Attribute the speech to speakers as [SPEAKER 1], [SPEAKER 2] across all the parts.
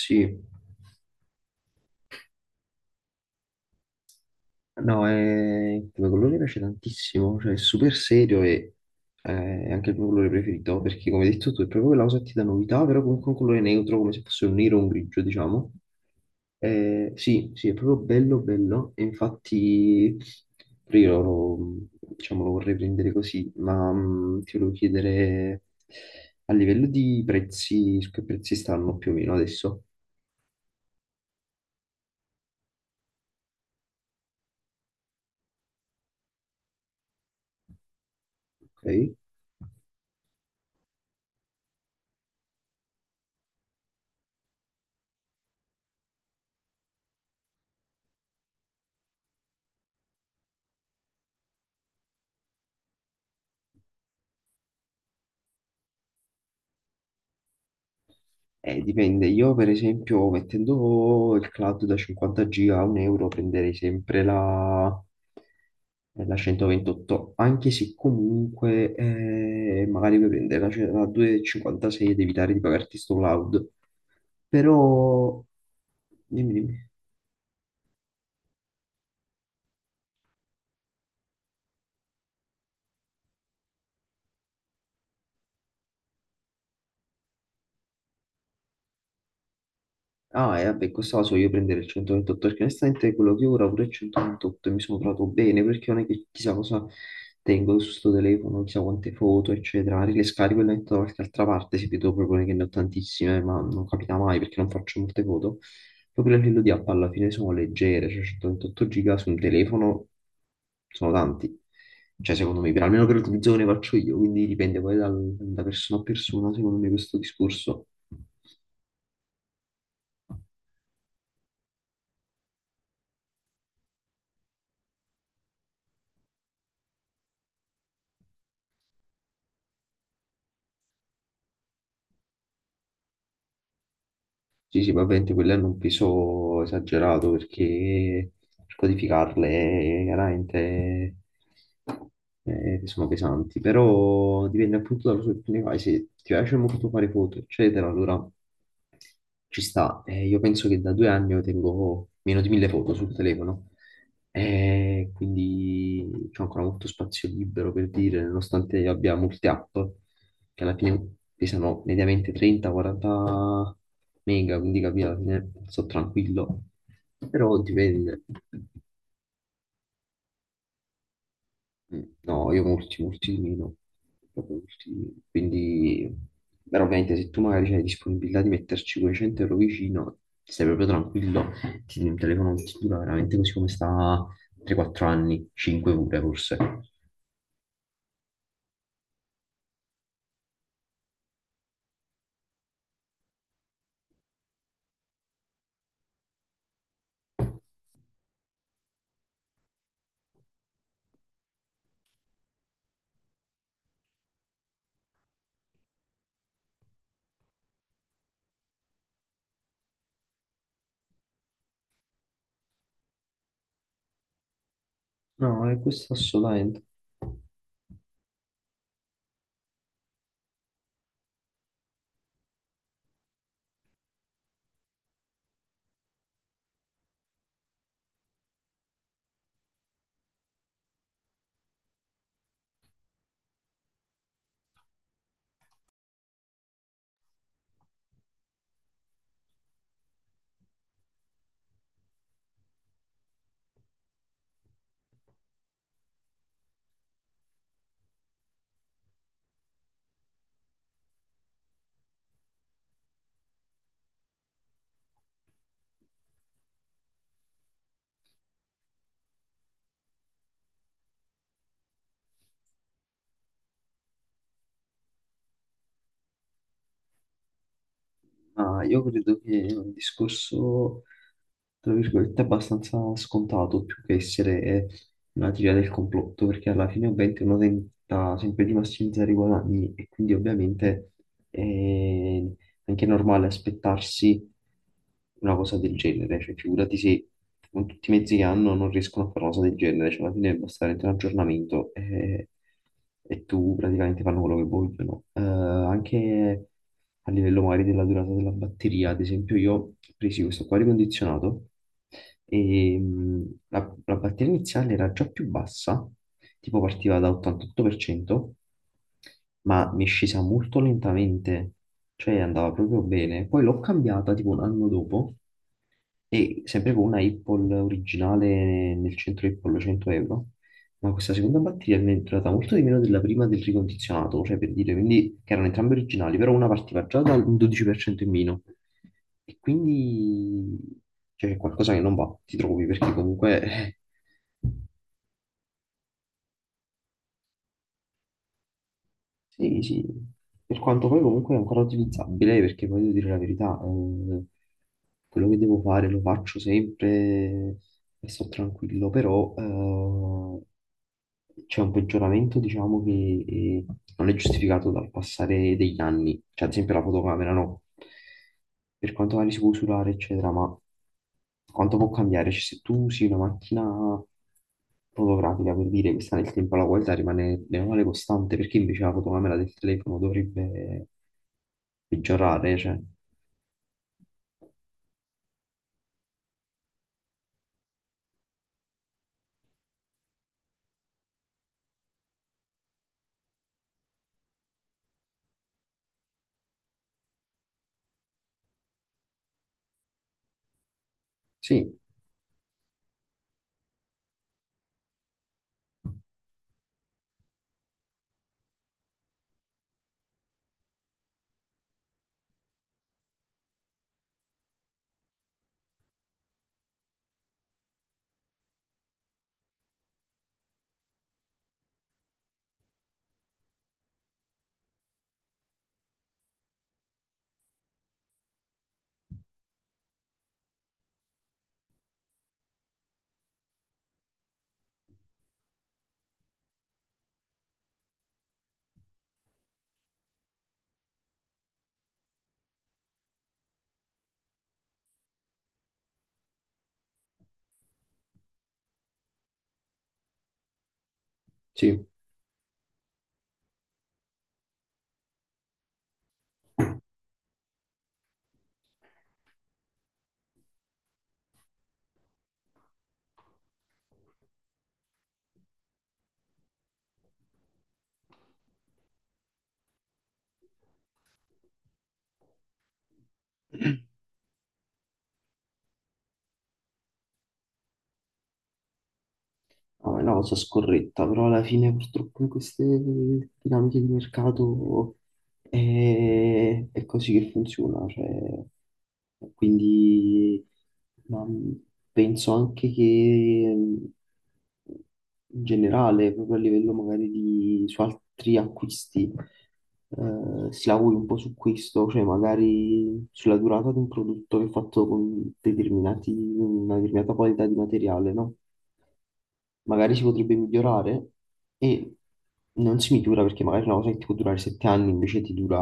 [SPEAKER 1] Sì, no, è come colore mi piace tantissimo, cioè è super serio e è anche il mio colore preferito, perché come hai detto tu è proprio quella cosa che ti dà novità, però comunque un colore neutro, come se fosse un nero o un grigio, diciamo. Sì, sì, è proprio bello, bello, e infatti pure io lo, diciamo, lo vorrei prendere così, ma ti volevo chiedere a livello di prezzi, su che prezzi stanno più o meno adesso, ok? Dipende, io per esempio mettendo il cloud da 50 giga a 1 euro prenderei sempre la 128, anche se comunque magari puoi prendere la 256 ed evitare di pagarti sto cloud, però dimmi, dimmi. Ah, e vabbè, questa la so io prendere il 128 perché onestamente quello che ho ora pure il 128 e mi sono trovato bene perché non è che chissà cosa tengo su sto telefono, chissà quante foto, eccetera. Le scarico e le metto da qualche altra parte, se vedo proprio che ne ho tantissime, ma non capita mai perché non faccio molte foto. Proprio a livello di app alla fine sono leggere, cioè 128 giga su un telefono sono tanti. Cioè, secondo me, per, almeno per l'utilizzo che ne faccio io, quindi dipende poi da persona a persona, secondo me, questo discorso. Sì, sì, ma ovviamente quello hanno un peso esagerato perché per codificarle chiaramente sono pesanti, però dipende appunto dalla cosa che tu ne fai, se ti piace molto fare foto, eccetera, allora ci sta. Io penso che da 2 anni io tengo meno di 1000 foto sul telefono, quindi c'ho ancora molto spazio libero per dire, nonostante io abbia molte app che alla fine pesano mediamente 30-40 mega, quindi capito, alla fine sto tranquillo. Però dipende. Mm, no, io molti, molti di meno. Proprio molti di meno. Quindi, però ovviamente se tu magari hai disponibilità di metterci quei 100 euro vicino, stai proprio tranquillo, ti il telefono ti dura veramente così come sta 3-4 anni, 5 pure forse. No, è questo assolutamente. Ma io credo che è un discorso, tra virgolette, abbastanza scontato, più che essere una teoria del complotto, perché alla fine ovviamente uno tenta sempre di massimizzare i guadagni e quindi ovviamente è anche normale aspettarsi una cosa del genere, cioè figurati se con tutti i mezzi che hanno non riescono a fare una cosa del genere, cioè alla fine basta veramente un aggiornamento e tu praticamente fanno quello che vogliono. Anche a livello magari della durata della batteria. Ad esempio, io ho preso questo qua ricondizionato e la batteria iniziale era già più bassa, tipo partiva da 88%, ma mi è scesa molto lentamente, cioè andava proprio bene. Poi l'ho cambiata tipo un anno dopo e sempre con una Apple originale nel centro Apple 100 euro, ma questa seconda batteria mi è durata molto di meno della prima del ricondizionato, cioè per dire, quindi che erano entrambe originali, però una partiva già dal 12% in meno. E quindi cioè, c'è qualcosa che non va, ti trovi, perché comunque Sì, sì, per quanto poi comunque è ancora utilizzabile, perché poi devo dire la verità, quello che devo fare lo faccio sempre e sto tranquillo, però c'è un peggioramento, diciamo, che non è giustificato dal passare degli anni, cioè ad esempio la fotocamera no per quanto magari si può usurare, eccetera, ma quanto può cambiare? Cioè, se tu usi una macchina fotografica per dire che sta nel tempo, la qualità rimane bene o male costante, perché invece la fotocamera del telefono dovrebbe peggiorare? Cioè, sì, sì, no, è una cosa scorretta, però alla fine purtroppo in queste dinamiche di mercato è così che funziona, cioè, quindi ma, penso anche che in generale, proprio a livello magari di su altri acquisti, si lavori un po' su questo, cioè magari sulla durata di un prodotto che è fatto con determinati, una determinata qualità di materiale, no? Magari si potrebbe migliorare e non si migliora perché magari una cosa che ti può durare 7 anni invece ti dura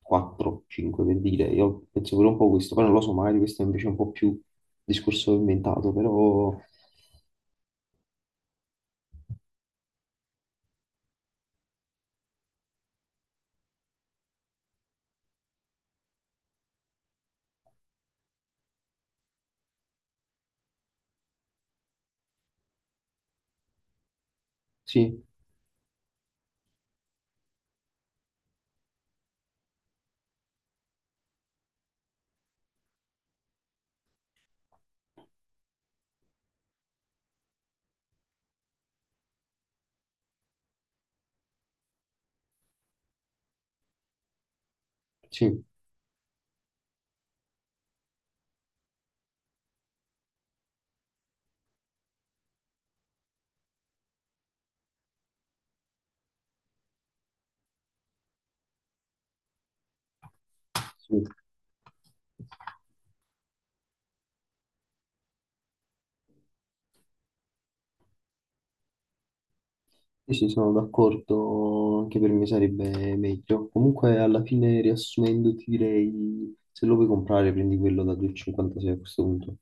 [SPEAKER 1] 4, 5 per dire. Io penso pure un po' questo, poi non lo so, magari questo è invece un po' più discorso inventato, però sì, sì, sì, sì, sì, sono d'accordo, anche per me sarebbe meglio. Comunque alla fine riassumendo ti direi, se lo vuoi comprare prendi quello da 2,56 a questo punto.